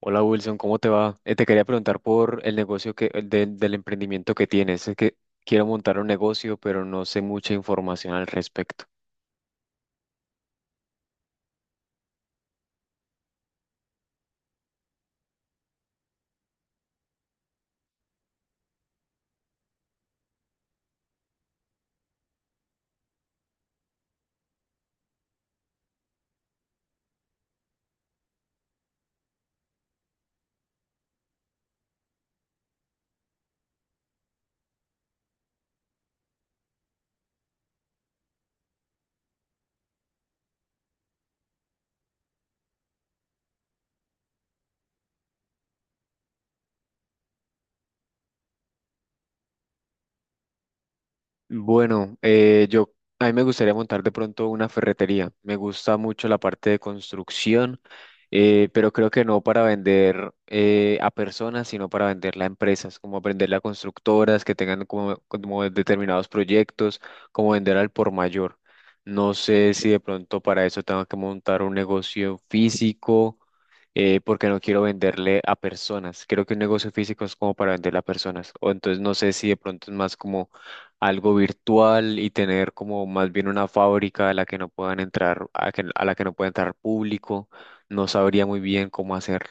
Hola Wilson, ¿cómo te va? Te quería preguntar por el negocio del emprendimiento que tienes. Es que quiero montar un negocio, pero no sé mucha información al respecto. Bueno, yo a mí me gustaría montar de pronto una ferretería. Me gusta mucho la parte de construcción, pero creo que no para vender a personas, sino para venderla a empresas, como venderla a constructoras que tengan como determinados proyectos, como vender al por mayor. No sé si de pronto para eso tengo que montar un negocio físico, porque no quiero venderle a personas. Creo que un negocio físico es como para venderle a personas. O entonces no sé si de pronto es más como algo virtual y tener como más bien una fábrica a la que no puedan entrar, a la que no pueda entrar público, no sabría muy bien cómo hacerlo.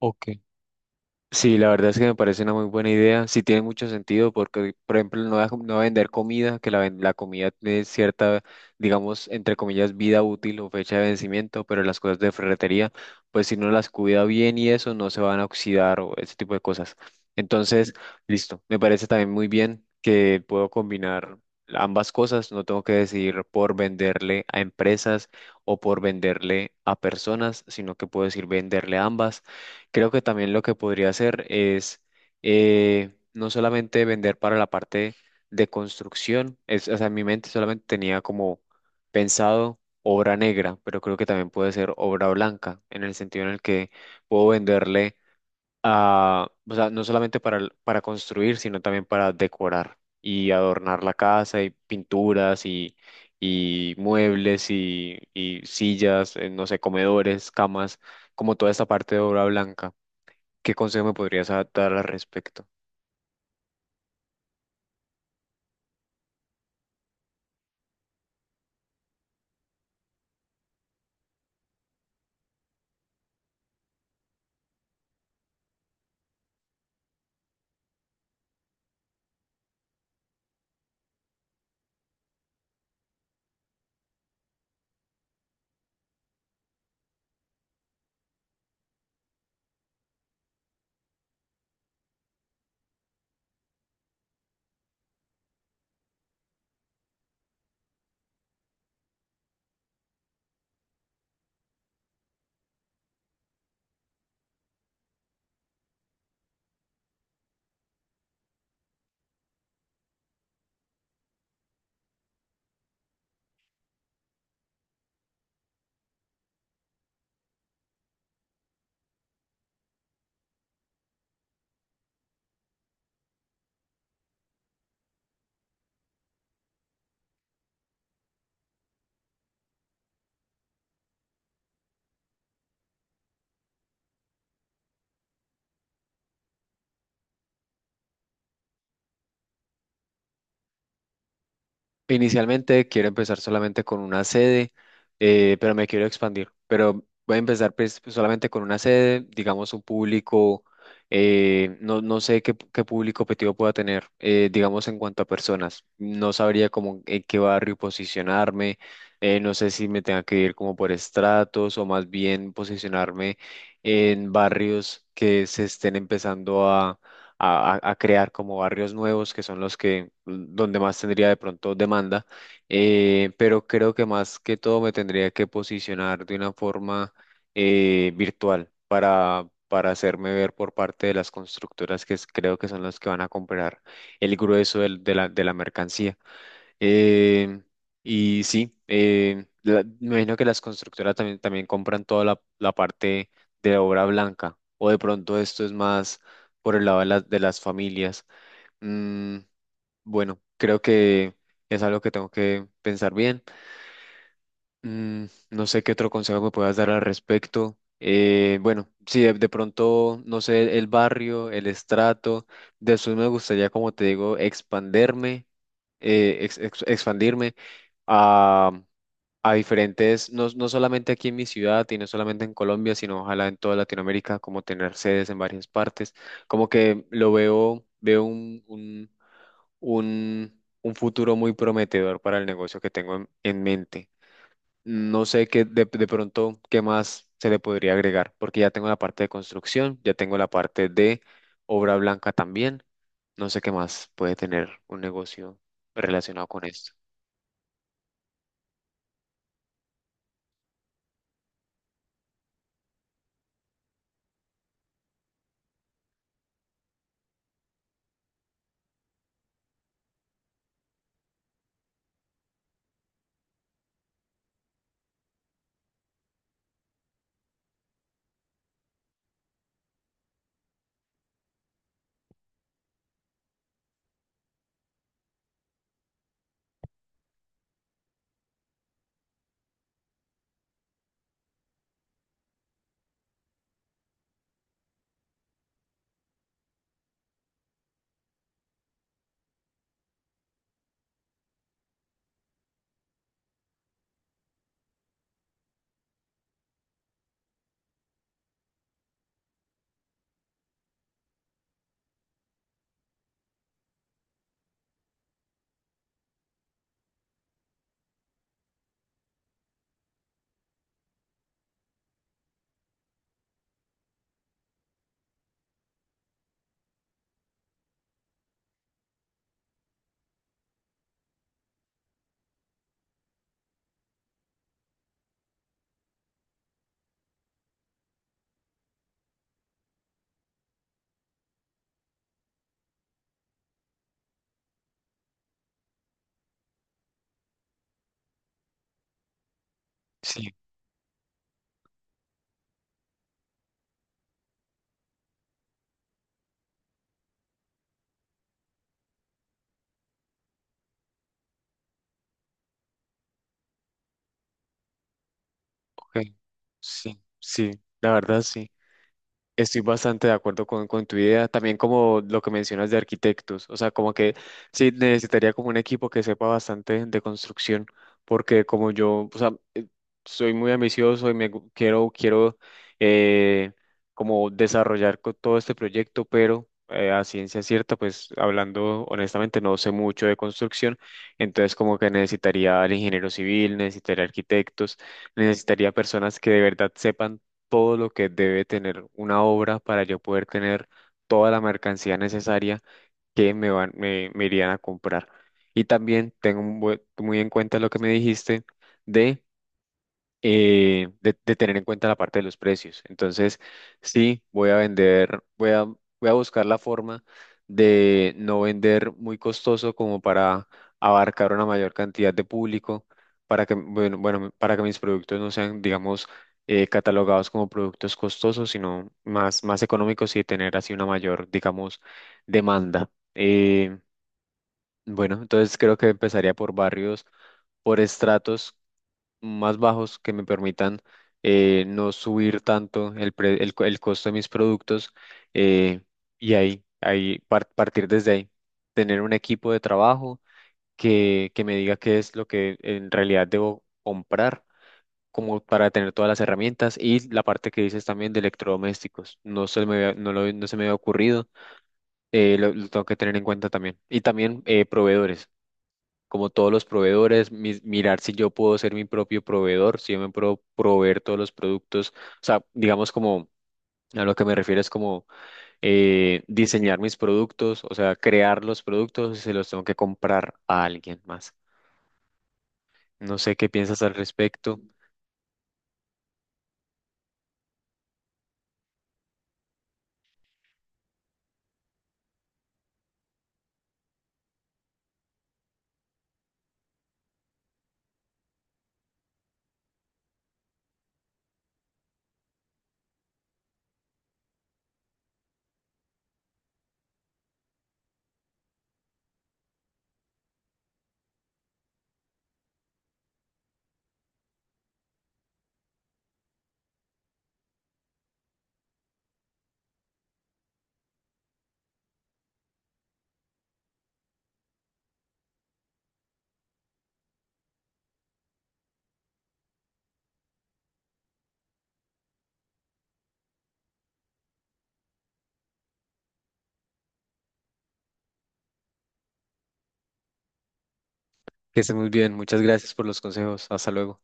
Ok. Sí, la verdad es que me parece una muy buena idea. Sí tiene mucho sentido porque, por ejemplo, no va a vender comida, la comida tiene cierta, digamos, entre comillas, vida útil o fecha de vencimiento, pero las cosas de ferretería, pues si no las cuida bien y eso, no se van a oxidar o ese tipo de cosas. Entonces, listo. Me parece también muy bien que puedo combinar ambas cosas. No tengo que decidir por venderle a empresas o por venderle a personas, sino que puedo decir venderle a ambas. Creo que también lo que podría hacer es no solamente vender para la parte de construcción, o sea, en mi mente solamente tenía como pensado obra negra, pero creo que también puede ser obra blanca, en el sentido en el que puedo venderle a, o sea, no solamente para, el- para construir, sino también para decorar y adornar la casa y pinturas y muebles y sillas, no sé, comedores, camas, como toda esta parte de obra blanca. ¿Qué consejo me podrías dar al respecto? Inicialmente quiero empezar solamente con una sede, pero me quiero expandir. Pero voy a empezar pues, solamente con una sede, digamos un público, no sé qué público objetivo pueda tener, digamos en cuanto a personas. No sabría cómo en qué barrio posicionarme, no sé si me tenga que ir como por estratos o más bien posicionarme en barrios que se estén empezando a crear como barrios nuevos que son los que donde más tendría de pronto demanda, pero creo que más que todo me tendría que posicionar de una forma virtual para hacerme ver por parte de las constructoras creo que son las que van a comprar el grueso de la mercancía. Eh, y sí, me imagino que las constructoras también compran toda la parte de la obra blanca, o de pronto esto es más por el lado de las familias. Mm, bueno, creo que es algo que tengo que pensar bien. Mm, no sé qué otro consejo me puedas dar al respecto. Bueno, sí, de pronto, no sé, el barrio, el estrato. Después me gustaría, como te digo, expanderme, expandirme a, a diferentes, no, no solamente aquí en mi ciudad y no solamente en Colombia, sino ojalá en toda Latinoamérica, como tener sedes en varias partes. Como que lo veo, veo un futuro muy prometedor para el negocio que tengo en mente. No sé qué de pronto qué más se le podría agregar, porque ya tengo la parte de construcción, ya tengo la parte de obra blanca también. No sé qué más puede tener un negocio relacionado con esto. Sí, ok. Sí, sí, la verdad sí. Estoy bastante de acuerdo con tu idea, también como lo que mencionas de arquitectos, o sea, como que sí necesitaría como un equipo que sepa bastante de construcción, porque como yo, o sea, soy muy ambicioso y quiero, quiero eh, como desarrollar todo este proyecto, pero a ciencia cierta, pues hablando honestamente, no sé mucho de construcción, entonces como que necesitaría al ingeniero civil, necesitaría arquitectos, necesitaría personas que de verdad sepan todo lo que debe tener una obra para yo poder tener toda la mercancía necesaria que me irían a comprar. Y también tengo muy en cuenta lo que me dijiste de de tener en cuenta la parte de los precios. Entonces, sí, voy a vender, voy a buscar la forma de no vender muy costoso como para abarcar una mayor cantidad de público, para que, bueno, para que mis productos no sean, digamos, catalogados como productos costosos, sino más, más económicos y tener así una mayor, digamos, demanda. Eh, bueno, entonces creo que empezaría por barrios, por estratos más bajos que me permitan no subir tanto el, pre- el, co- el costo de mis productos eh, y ahí, partir desde ahí, tener un equipo de trabajo que me diga qué es lo que en realidad debo comprar como para tener todas las herramientas y la parte que dices también de electrodomésticos. No se me había ocurrido, lo tengo que tener en cuenta también. Y también proveedores como todos los proveedores, mirar si yo puedo ser mi propio proveedor, si yo me puedo proveer todos los productos, o sea, digamos como a lo que me refiero es como diseñar mis productos, o sea, crear los productos y se los tengo que comprar a alguien más. No sé qué piensas al respecto. Que estés muy bien. Muchas gracias por los consejos. Hasta luego.